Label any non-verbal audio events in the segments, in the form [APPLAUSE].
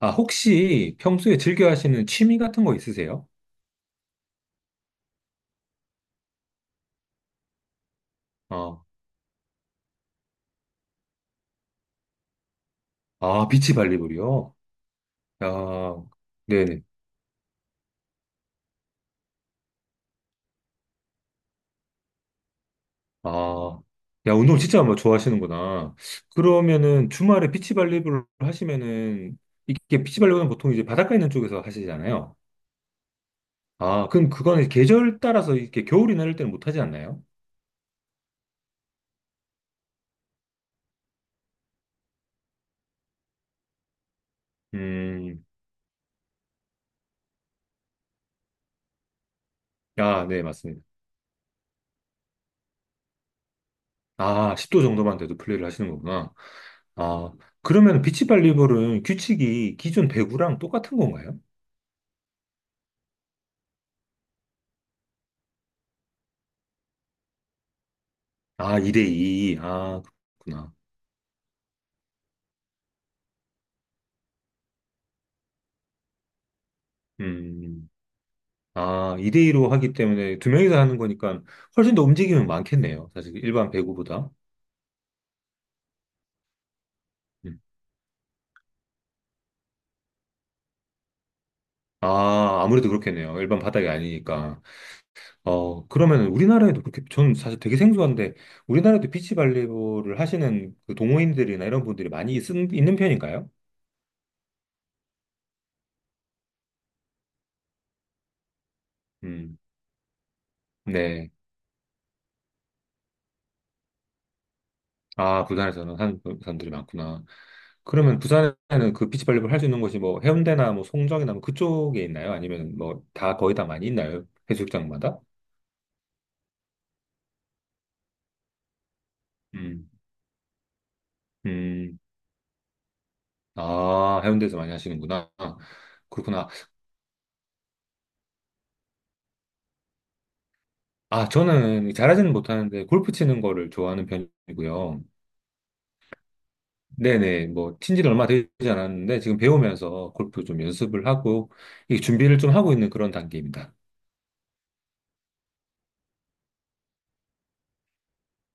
아, 혹시 평소에 즐겨 하시는 취미 같은 거 있으세요? 아, 아, 비치 발리볼이요? 야, 네네. 아, 야, 운동 진짜 뭐 좋아하시는구나. 그러면은 주말에 비치 발리볼 하시면은, 이게 비치 발리볼은 보통 이제 바닷가 있는 쪽에서 하시잖아요. 아, 그럼 그거는 계절 따라서 이렇게 겨울이나 이럴 때는 못 하지 않나요? 음, 아, 네, 맞습니다. 아, 10도 정도만 돼도 플레이를 하시는 거구나. 아, 그러면 비치 발리볼은 규칙이 기존 배구랑 똑같은 건가요? 아, 2대 2. 아, 그렇구나. 음. 아, 2대 2로 하기 때문에 두 명이서 하는 거니까 훨씬 더 움직임은 많겠네요. 사실 일반 배구보다. 음. 아, 아무래도 그렇겠네요. 일반 바닥이 아니니까. 어, 그러면 우리나라에도 그렇게, 저는 사실 되게 생소한데, 우리나라에도 비치발리볼을 하시는 그 동호인들이나 이런 분들이 많이 있는 편인가요? 음, 네. 아, 부산에서는 하는 사람들이 많구나. 그러면 부산에는 그 비치발리볼 할 수 있는 곳이 뭐 해운대나 뭐 송정이나 뭐 그쪽에 있나요? 아니면 뭐 다 거의 다 많이 있나요? 해수욕장마다? 음, 음, 아, 해운대에서 많이 하시는구나. 그렇구나. 아, 저는 잘하지는 못하는데 골프 치는 거를 좋아하는 편이고요. 네네, 뭐, 친지 는 얼마 되지 않았는데 지금 배우면서 골프 좀 연습을 하고, 이 준비를 좀 하고 있는 그런 단계입니다.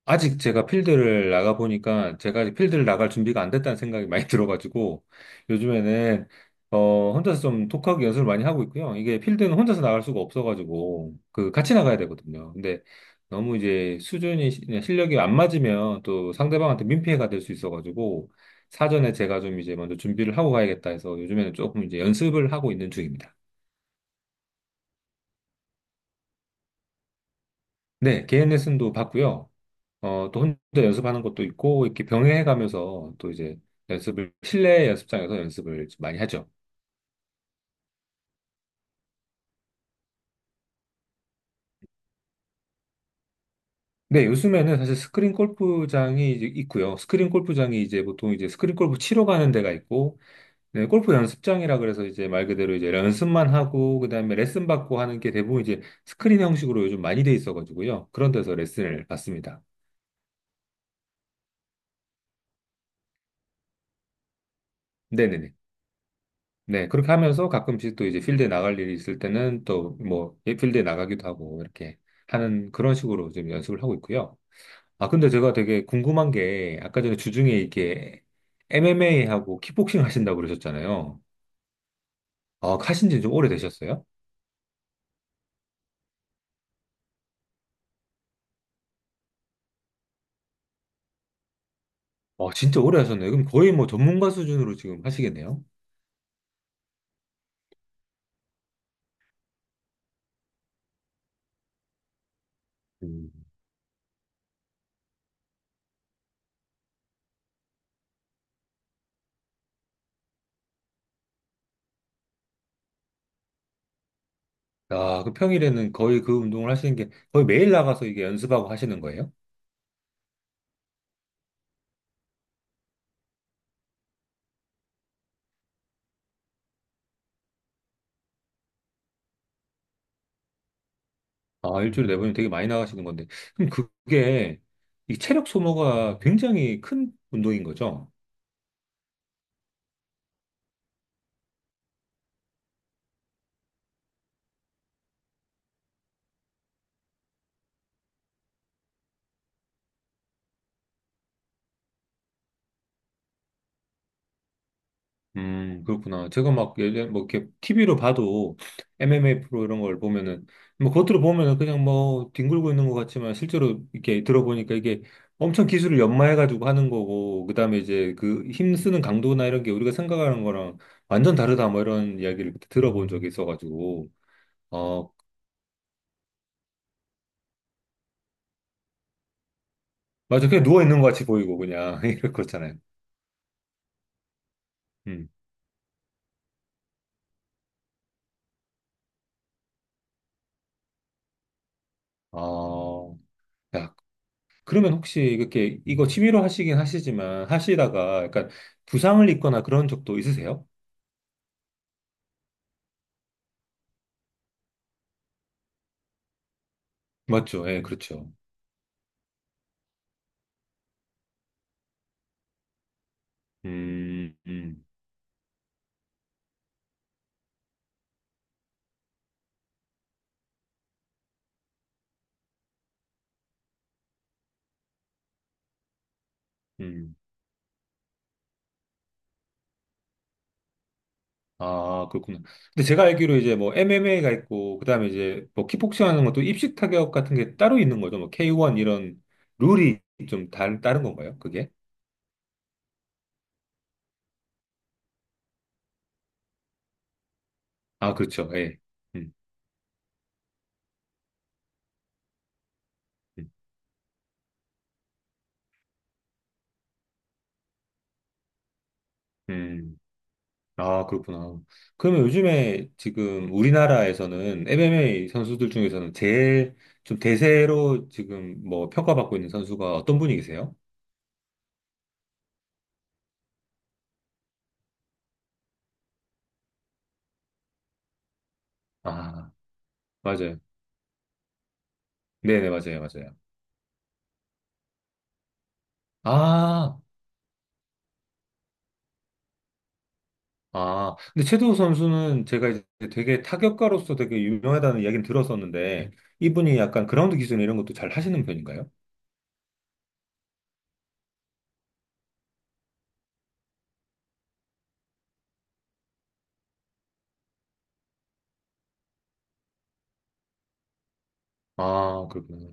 아직 제가 필드를 나가보니까 제가 아직 필드를 나갈 준비가 안 됐다는 생각이 많이 [LAUGHS] 들어가지고 요즘에는 어, 혼자서 좀 독학 연습을 많이 하고 있고요. 이게 필드는 혼자서 나갈 수가 없어가지고 그 같이 나가야 되거든요. 근데 너무 이제 수준이 실력이 안 맞으면 또 상대방한테 민폐가 될 수 있어가지고 사전에 제가 좀 이제 먼저 준비를 하고 가야겠다 해서 요즘에는 조금 이제 연습을 하고 있는 중입니다. 네, 개인 레슨도 받고요. 어, 또 혼자 연습하는 것도 있고, 이렇게 병행해가면서 또 이제 연습을, 실내 연습장에서 연습을 좀 많이 하죠. 네, 요즘에는 사실 스크린 골프장이 이제 있고요. 스크린 골프장이 이제 보통 이제 스크린 골프 치러 가는 데가 있고, 네, 골프 연습장이라 그래서 이제 말 그대로 이제 연습만 하고, 그다음에 레슨 받고 하는 게 대부분 이제 스크린 형식으로 요즘 많이 돼 있어가지고요. 그런 데서 레슨을 받습니다. 네네네. 네, 그렇게 하면서 가끔씩 또 이제 필드에 나갈 일이 있을 때는 또 뭐, 예, 필드에 나가기도 하고, 이렇게 하는 그런 식으로 지금 연습을 하고 있고요. 아, 근데 제가 되게 궁금한 게, 아까 전에 주중에 이렇게 MMA하고 킥복싱 하신다고 그러셨잖아요. 아, 하신 지 좀 오래되셨어요? 아, 진짜 오래 하셨네요. 그럼 거의 뭐 전문가 수준으로 지금 하시겠네요? 음. 아, 그 평일에는 거의 그 운동을 하시는 게 거의 매일 나가서 이게 연습하고 하시는 거예요? 아, 일주일에 네 번이면 되게 많이 나가시는 건데. 그럼 그게 이 체력 소모가 굉장히 큰 운동인 거죠? 그렇구나. 제가 막 예전 뭐 이렇게 TV로 봐도 MMA 프로 이런 걸 보면은 뭐 겉으로 보면은 그냥 뭐 뒹굴고 있는 것 같지만 실제로 이렇게 들어보니까 이게 엄청 기술을 연마해가지고 하는 거고 그다음에 이제 그 힘쓰는 강도나 이런 게 우리가 생각하는 거랑 완전 다르다 뭐 이런 이야기를 그때 들어본 적이 있어가지고 어 맞아 그냥 누워 있는 것 같이 보이고 그냥 [LAUGHS] 이렇 그렇잖아요. 음. 어, 야, 그러면 혹시 이렇게 이거 취미로 하시긴 하시지만 하시다가 약간 부상을 입거나 그런 적도 있으세요? 맞죠? 예, 그렇죠. 음, 음, 음. 아, 그렇구나. 근데 제가 알기로 이제 뭐 MMA가 있고 그다음에 이제 뭐 킥복싱 하는 것도 입식 타격 같은 게 따로 있는 거죠. 뭐 K1 이런 룰이 좀 다른 건가요? 그게? 아, 그렇죠. 예. 음, 음. 음. 아, 그렇구나. 그러면 요즘에 지금 우리나라에서는 MMA 선수들 중에서는 제일 좀 대세로 지금 뭐 평가받고 있는 선수가 어떤 분이 계세요? 아, 맞아요. 네네, 맞아요, 맞아요. 아, 아. 근데 최도우 선수는 제가 이제 되게 타격가로서 되게 유명하다는 이야기는 들었었는데, 이분이 약간 그라운드 기술 이런 것도 잘 하시는 편인가요? 아, 그렇구나.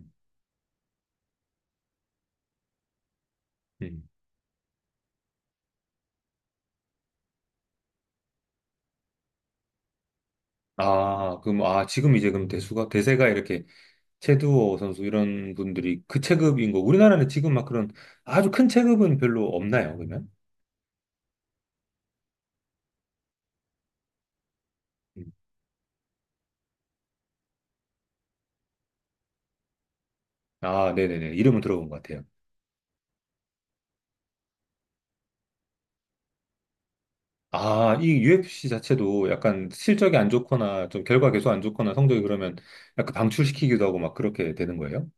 음. 아, 그럼, 아, 지금 이제 그럼 대세가 이렇게 최두호 선수 이런 분들이 그 체급인 거. 우리나라는 지금 막 그런 아주 큰 체급은 별로 없나요, 그러면? 음. 아, 네네네. 이름은 들어본 것 같아요. 아, 이 UFC 자체도 약간 실적이 안 좋거나 좀 결과 계속 안 좋거나 성적이 그러면 약간 방출시키기도 하고 막 그렇게 되는 거예요?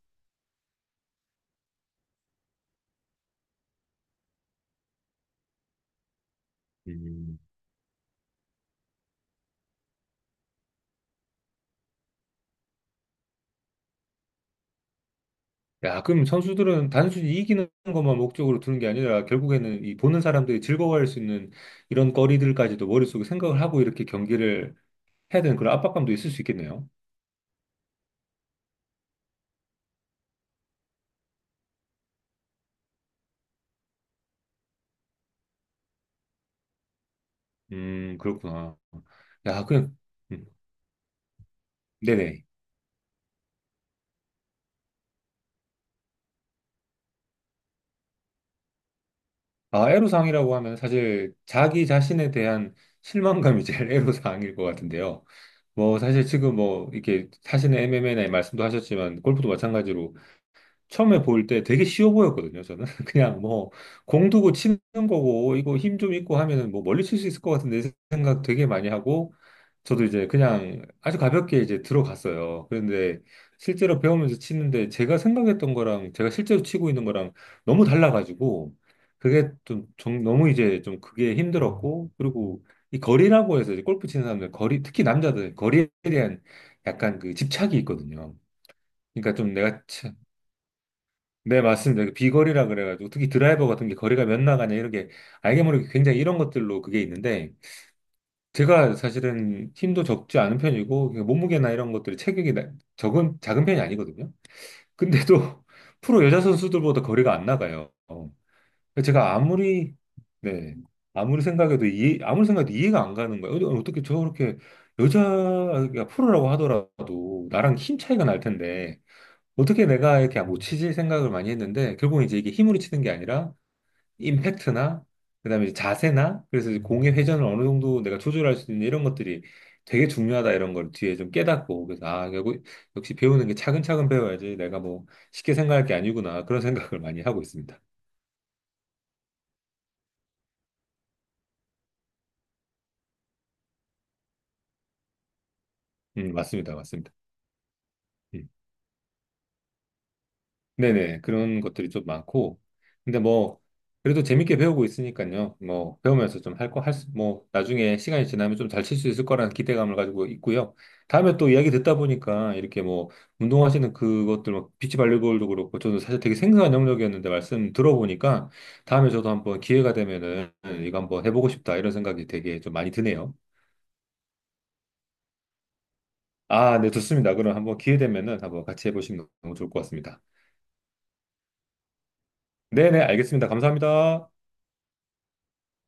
음, 야, 그럼 선수들은 단순히 이기는 것만 목적으로 두는 게 아니라 결국에는 이 보는 사람들이 즐거워할 수 있는 이런 거리들까지도 머릿속에 생각을 하고 이렇게 경기를 해야 되는 그런 압박감도 있을 수 있겠네요. 그렇구나. 야, 그냥, 음, 네네. 아, 애로사항이라고 하면 사실 자기 자신에 대한 실망감이 제일 [LAUGHS] 애로사항일 것 같은데요. 뭐, 사실 지금 뭐, 이렇게 자신의 MMA나 말씀도 하셨지만, 골프도 마찬가지로 처음에 볼 때 되게 쉬워 보였거든요, 저는. [LAUGHS] 그냥 뭐, 공 두고 치는 거고, 이거 힘 좀 있고 하면은 뭐 멀리 칠 수 있을 것 같은데 생각 되게 많이 하고, 저도 이제 그냥 아주 가볍게 이제 들어갔어요. 그런데 실제로 배우면서 치는데 제가 생각했던 거랑 제가 실제로 치고 있는 거랑 너무 달라가지고, 그게 좀, 너무 이제 좀 그게 힘들었고, 그리고 이 거리라고 해서 이제 골프 치는 사람들, 거리, 특히 남자들, 거리에 대한 약간 그 집착이 있거든요. 그러니까 좀 내가 네, 맞습니다. 그 비거리라 그래가지고 특히 드라이버 같은 게 거리가 몇 나가냐 이렇게 알게 모르게 굉장히 이런 것들로 그게 있는데 제가 사실은 힘도 적지 않은 편이고 그냥 몸무게나 이런 것들이 체격이 나- 적은 작은 편이 아니거든요. 근데도 [LAUGHS] 프로 여자 선수들보다 거리가 안 나가요. 어. 제가 아무리 네 아무리 생각해도 이해가 안 가는 거예요. 어, 어떻게 저렇게 여자가 프로라고 하더라도 나랑 힘 차이가 날 텐데. 어떻게 내가 이렇게 못 치지 생각을 많이 했는데 결국 이제 이게 힘으로 치는 게 아니라 임팩트나 그다음에 이제 자세나 그래서 이제 공의 회전을 어느 정도 내가 조절할 수 있는 이런 것들이 되게 중요하다 이런 걸 뒤에 좀 깨닫고 그래서 아 결국 역시 배우는 게 차근차근 배워야지 내가 뭐 쉽게 생각할 게 아니구나 그런 [LAUGHS] 생각을 많이 하고 있습니다. 맞습니다 맞습니다. 음. 네네, 그런 것들이 좀 많고, 근데 뭐, 그래도 재밌게 배우고 있으니까요. 뭐, 배우면서 좀 할 거, 할 수, 뭐, 나중에 시간이 지나면 좀 잘 칠 수 있을 거라는 기대감을 가지고 있고요. 다음에 또 이야기 듣다 보니까, 이렇게 뭐, 운동하시는 그것들, 뭐, 비치 발리볼도 그렇고, 저도 사실 되게 생소한 영역이었는데, 말씀 들어보니까, 다음에 저도 한번 기회가 되면은, 이거 한번 해보고 싶다, 이런 생각이 되게 좀 많이 드네요. 아, 네, 좋습니다. 그럼 한번 기회 되면은 한번 같이 해보시면 너무 좋을 것 같습니다. 네네, 알겠습니다. 감사합니다.